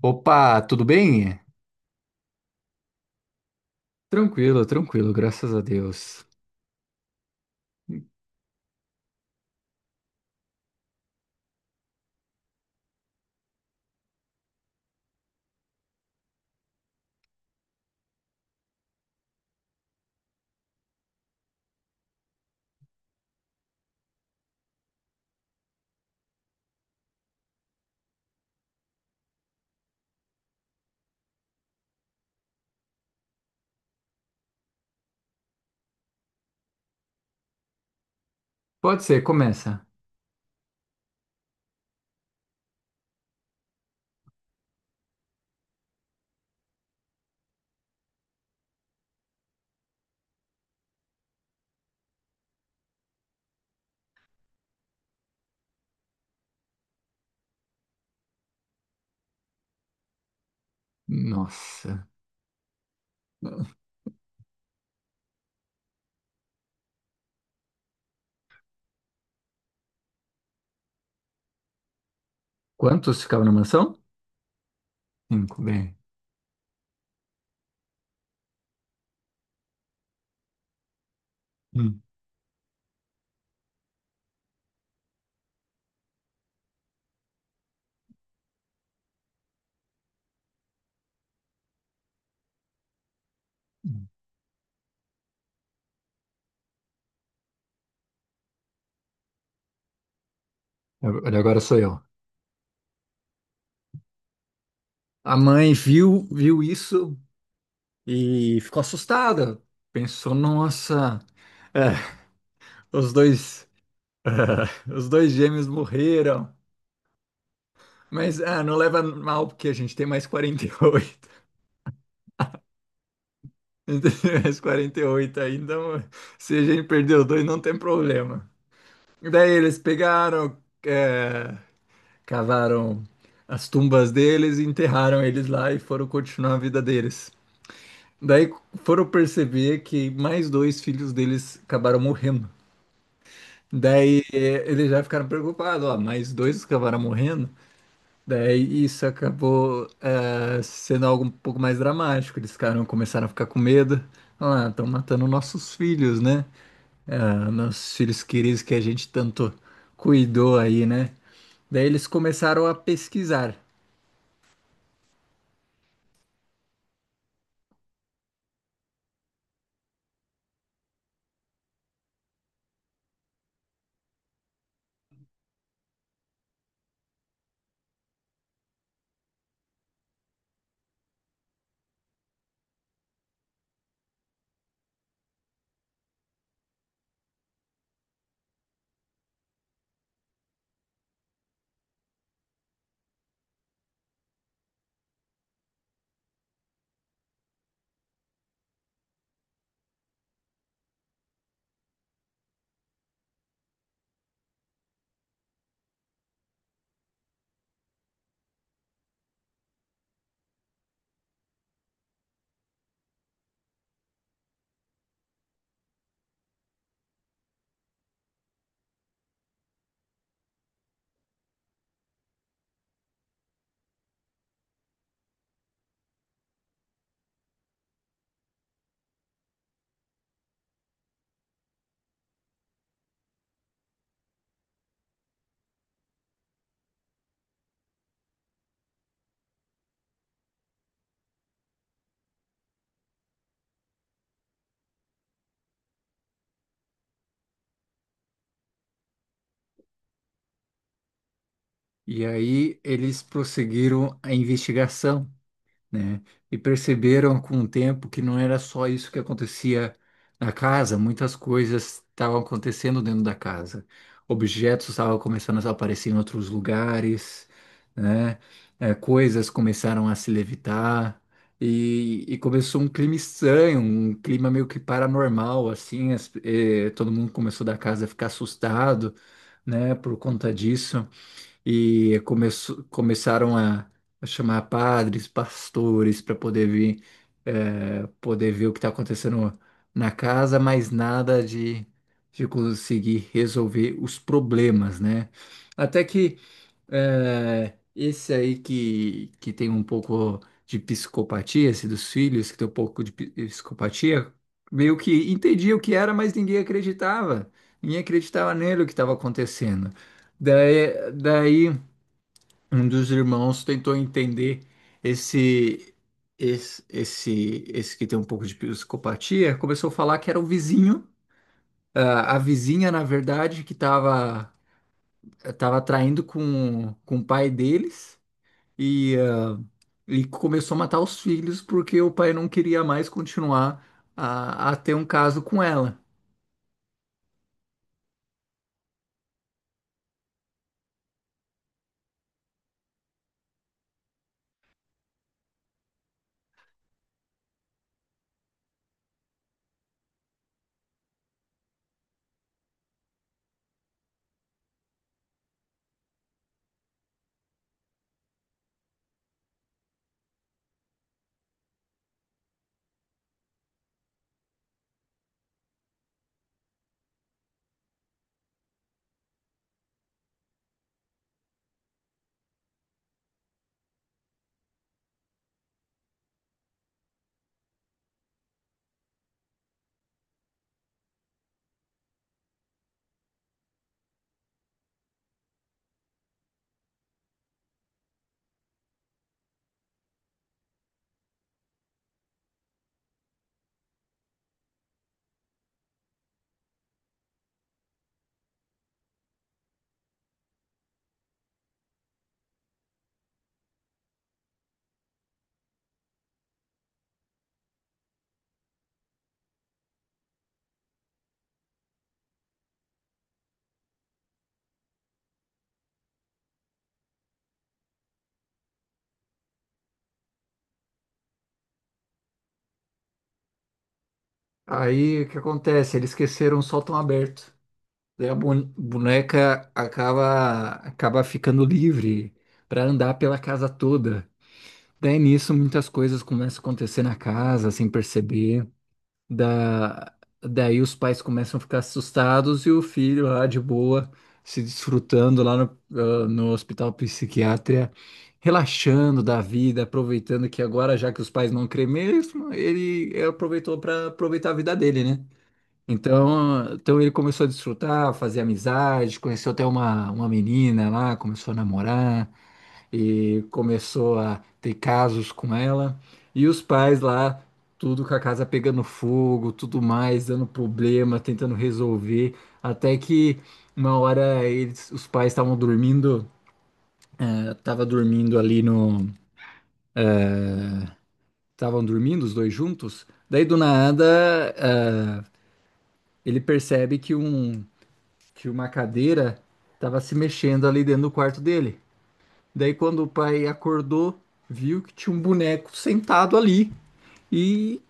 Opa, tudo bem? Tranquilo, tranquilo, graças a Deus. Pode ser, começa. Nossa. Quantos ficavam na mansão? Cinco, bem. Hum. Agora sou eu. A mãe viu isso e ficou assustada. Pensou, nossa, é, os dois, os dois gêmeos morreram. Mas ah, não leva mal, porque a gente tem mais 48. A gente tem mais 48, ainda. Então, se a gente perdeu dois, não tem problema. E daí eles pegaram, é, cavaram as tumbas deles, e enterraram eles lá e foram continuar a vida deles. Daí foram perceber que mais dois filhos deles acabaram morrendo. Daí eles já ficaram preocupados, ó, mais dois acabaram morrendo. Daí isso acabou sendo algo um pouco mais dramático. Eles ficaram, começaram a ficar com medo. Ah, estão matando nossos filhos, né? Ah, nossos filhos queridos que a gente tanto cuidou aí, né? Daí eles começaram a pesquisar. E aí eles prosseguiram a investigação, né? E perceberam com o tempo que não era só isso que acontecia na casa, muitas coisas estavam acontecendo dentro da casa. Objetos estavam começando a aparecer em outros lugares, né? É, coisas começaram a se levitar e começou um clima estranho, um clima meio que paranormal, assim, todo mundo começou da casa a ficar assustado, né, por conta disso e começaram a chamar padres, pastores para poder vir, poder ver o que está acontecendo na casa, mas nada de conseguir resolver os problemas, né? Até que esse aí que tem um pouco de psicopatia, esse dos filhos que tem um pouco de psicopatia, meio que entendia o que era, mas ninguém acreditava. Ninguém acreditava nele o que estava acontecendo. Daí, um dos irmãos tentou entender esse esse que tem um pouco de psicopatia, começou a falar que era o vizinho, ah, a vizinha, na verdade, que estava tava traindo com o pai deles e, ah, e começou a matar os filhos porque o pai não queria mais continuar a ter um caso com ela. Aí o que acontece? Eles esqueceram o sótão aberto. Daí a boneca acaba, acaba ficando livre para andar pela casa toda. Daí nisso muitas coisas começam a acontecer na casa sem perceber. Da, daí os pais começam a ficar assustados e o filho lá de boa, se desfrutando lá no hospital psiquiátrico, relaxando da vida, aproveitando que agora, já que os pais não creem mesmo, ele aproveitou para aproveitar a vida dele, né? Então ele começou a desfrutar, fazer amizade, conheceu até uma menina lá, começou a namorar e começou a ter casos com ela. E os pais lá, tudo com a casa pegando fogo, tudo mais, dando problema, tentando resolver, até que uma hora eles, os pais estavam dormindo, eh, tava dormindo ali no, estavam dormindo os dois juntos. Daí do nada, ah, ele percebe que um tinha uma cadeira, tava se mexendo ali dentro do quarto dele. Daí quando o pai acordou, viu que tinha um boneco sentado ali e...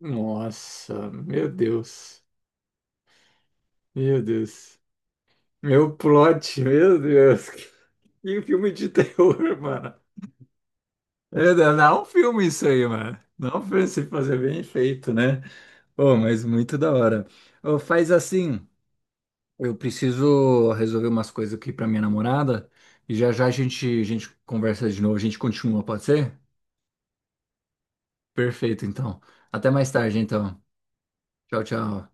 Nossa, meu Deus. Meu Deus. Meu plot, meu Deus. Que filme de terror, mano. É, não é um filme isso aí, mano. Não é um filme se fazer bem feito, né? Pô, mas muito da hora. Ô, faz assim. Eu preciso resolver umas coisas aqui pra minha namorada e já já a gente conversa de novo, a gente continua, pode ser? Perfeito, então. Até mais tarde, então. Tchau, tchau.